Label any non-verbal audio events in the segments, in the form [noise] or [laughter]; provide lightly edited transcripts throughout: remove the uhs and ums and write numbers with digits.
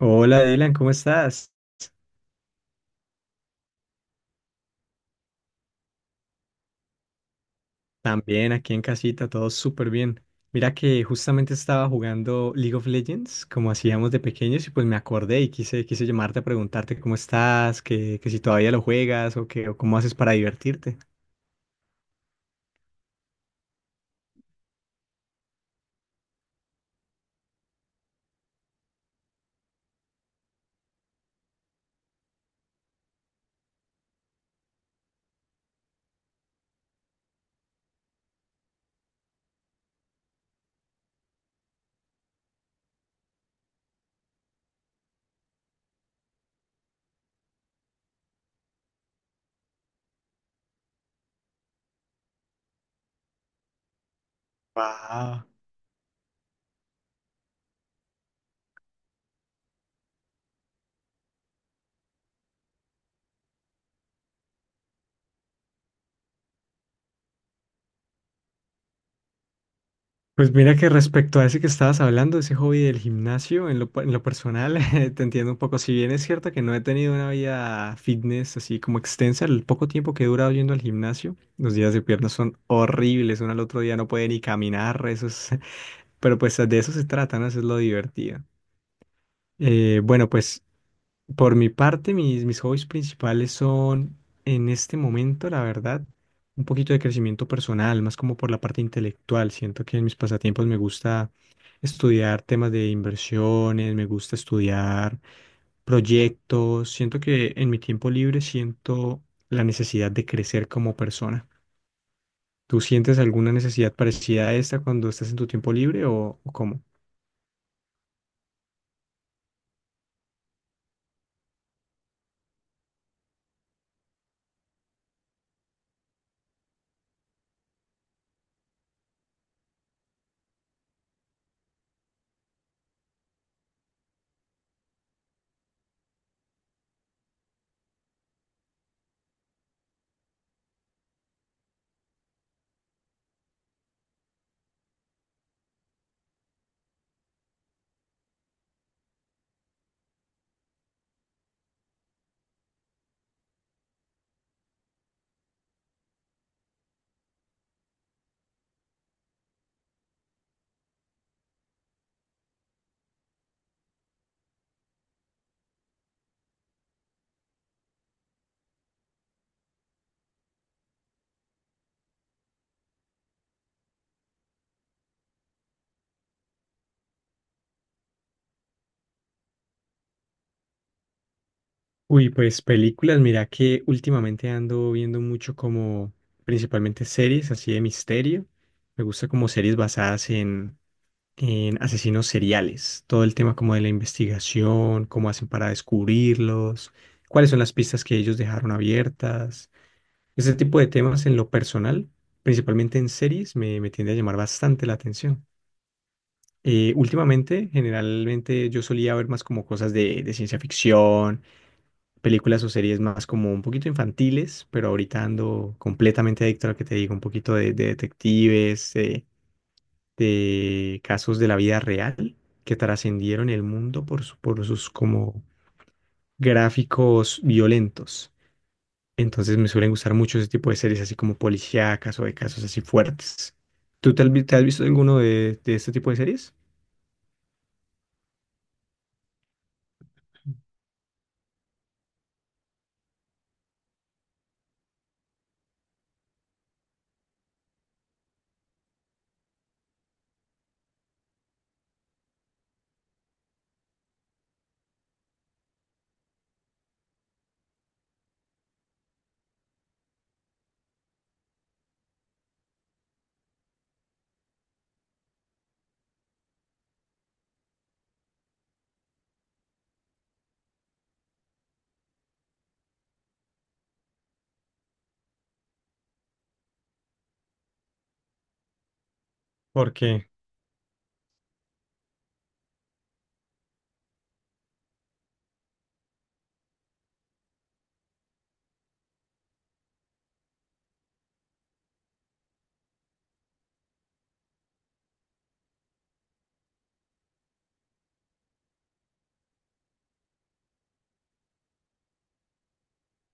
Hola Dylan, ¿cómo estás? También aquí en casita, todo súper bien. Mira que justamente estaba jugando League of Legends, como hacíamos de pequeños, y pues me acordé y quise llamarte a preguntarte cómo estás, que si todavía lo juegas o que, o cómo haces para divertirte. Wow. Pues mira que respecto a ese que estabas hablando, ese hobby del gimnasio, en lo personal, [laughs] te entiendo un poco. Si bien es cierto que no he tenido una vida fitness así como extensa, el poco tiempo que he durado yendo al gimnasio, los días de piernas son horribles, uno al otro día no puede ni caminar, eso es- [laughs] pero pues de eso se trata, ¿no? Eso es lo divertido. Bueno, pues por mi parte, mis hobbies principales son, en este momento, la verdad, un poquito de crecimiento personal, más como por la parte intelectual. Siento que en mis pasatiempos me gusta estudiar temas de inversiones, me gusta estudiar proyectos. Siento que en mi tiempo libre siento la necesidad de crecer como persona. ¿Tú sientes alguna necesidad parecida a esta cuando estás en tu tiempo libre o cómo? Uy, pues películas, mira que últimamente ando viendo mucho como principalmente series así de misterio. Me gusta como series basadas en asesinos seriales, todo el tema como de la investigación, cómo hacen para descubrirlos, cuáles son las pistas que ellos dejaron abiertas. Ese tipo de temas en lo personal, principalmente en series, me tiende a llamar bastante la atención. Últimamente, generalmente yo solía ver más como cosas de ciencia ficción, películas o series más como un poquito infantiles, pero ahorita ando completamente adicto a lo que te digo, un poquito de detectives, de casos de la vida real que trascendieron el mundo por, por sus como gráficos violentos. Entonces me suelen gustar mucho ese tipo de series así como policíacas o de casos así fuertes. ¿Tú te has, vi- Te has visto alguno de este tipo de series? Porque,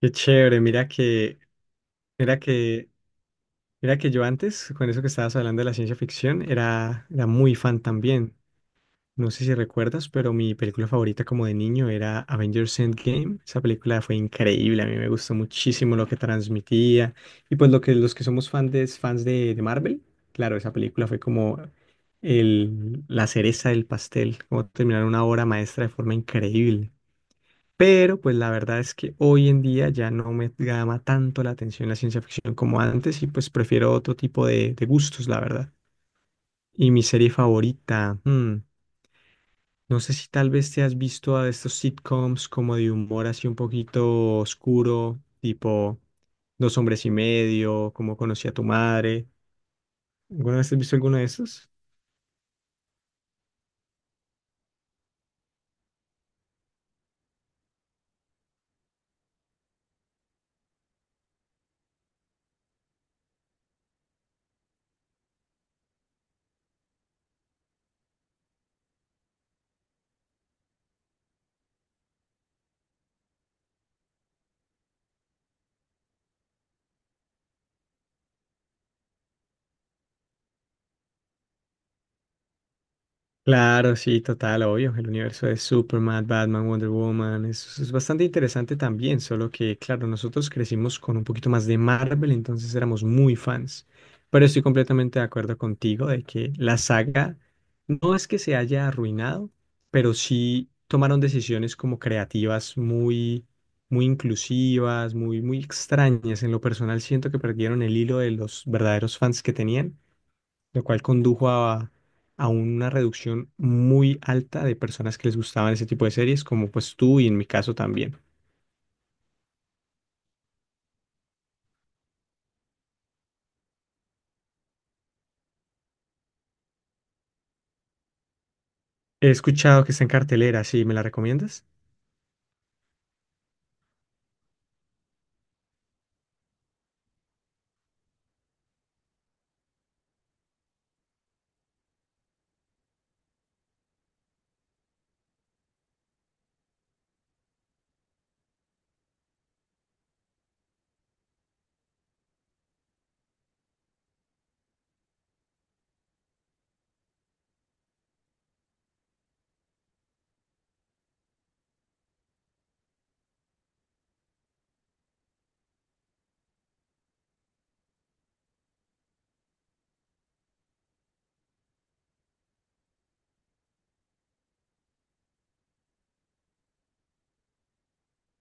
qué chévere, mira que mira que yo antes, con eso que estabas hablando de la ciencia ficción, era muy fan también. No sé si recuerdas, pero mi película favorita como de niño era Avengers Endgame. Esa película fue increíble, a mí me gustó muchísimo lo que transmitía. Y pues lo que los que somos de Marvel, claro, esa película fue como la cereza del pastel, como terminar una obra maestra de forma increíble. Pero pues la verdad es que hoy en día ya no me llama tanto la atención la ciencia ficción como antes y pues prefiero otro tipo de gustos, la verdad. Y mi serie favorita, No sé si tal vez te has visto a estos sitcoms como de humor así un poquito oscuro, tipo Dos hombres y medio, Cómo conocí a tu madre. ¿Alguna vez has visto alguno de esos? Claro, sí, total, obvio. El universo de Superman, Batman, Wonder Woman es bastante interesante también, solo que, claro, nosotros crecimos con un poquito más de Marvel, entonces éramos muy fans. Pero estoy completamente de acuerdo contigo de que la saga no es que se haya arruinado, pero sí tomaron decisiones como creativas muy inclusivas, muy extrañas. En lo personal, siento que perdieron el hilo de los verdaderos fans que tenían, lo cual condujo a una reducción muy alta de personas que les gustaban ese tipo de series, como pues tú y en mi caso también. He escuchado que está en cartelera, ¿sí? ¿Me la recomiendas?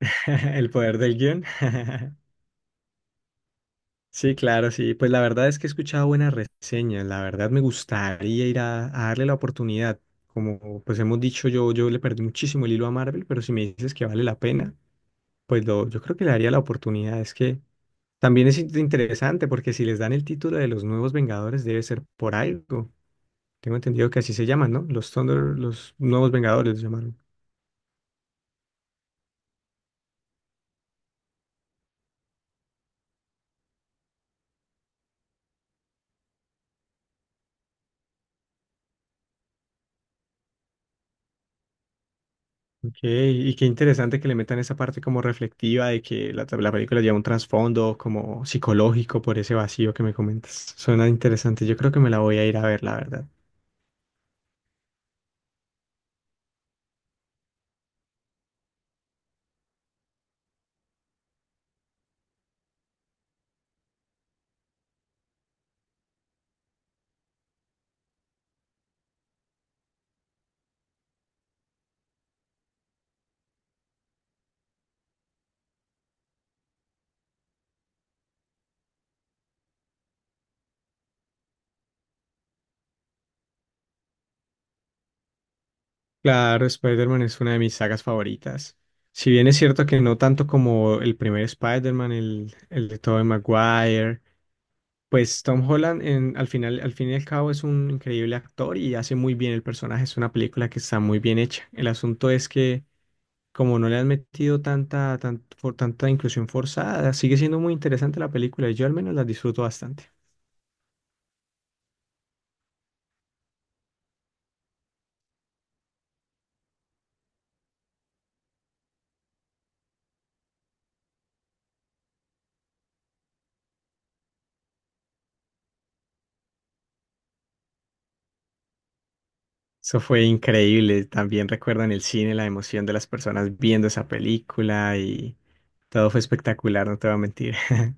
[laughs] El poder del guión. [laughs] Sí, claro, sí. Pues la verdad es que he escuchado buenas reseñas. La verdad me gustaría ir a darle la oportunidad. Como pues hemos dicho, yo le perdí muchísimo el hilo a Marvel, pero si me dices que vale la pena, pues yo creo que le daría la oportunidad. Es que también es interesante porque si les dan el título de los nuevos Vengadores debe ser por algo. Tengo entendido que así se llaman, ¿no? Los Thunder, los nuevos Vengadores los llamaron. Ok, y qué interesante que le metan esa parte como reflectiva de que la película lleva un trasfondo como psicológico por ese vacío que me comentas. Suena interesante, yo creo que me la voy a ir a ver, la verdad. Claro, Spider-Man es una de mis sagas favoritas. Si bien es cierto que no tanto como el primer Spider-Man, el de Tobey Maguire, pues Tom Holland al final, al fin y al cabo es un increíble actor y hace muy bien el personaje. Es una película que está muy bien hecha. El asunto es que como no le han metido tanta inclusión forzada, sigue siendo muy interesante la película y yo al menos la disfruto bastante. Eso fue increíble. También recuerdo en el cine la emoción de las personas viendo esa película y todo fue espectacular, no te voy a mentir. [laughs]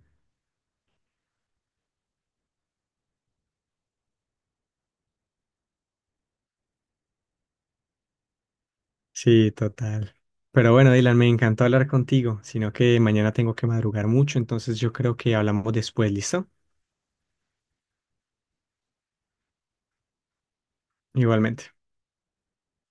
Sí, total. Pero bueno, Dylan, me encantó hablar contigo, sino que mañana tengo que madrugar mucho, entonces yo creo que hablamos después, ¿listo? Igualmente.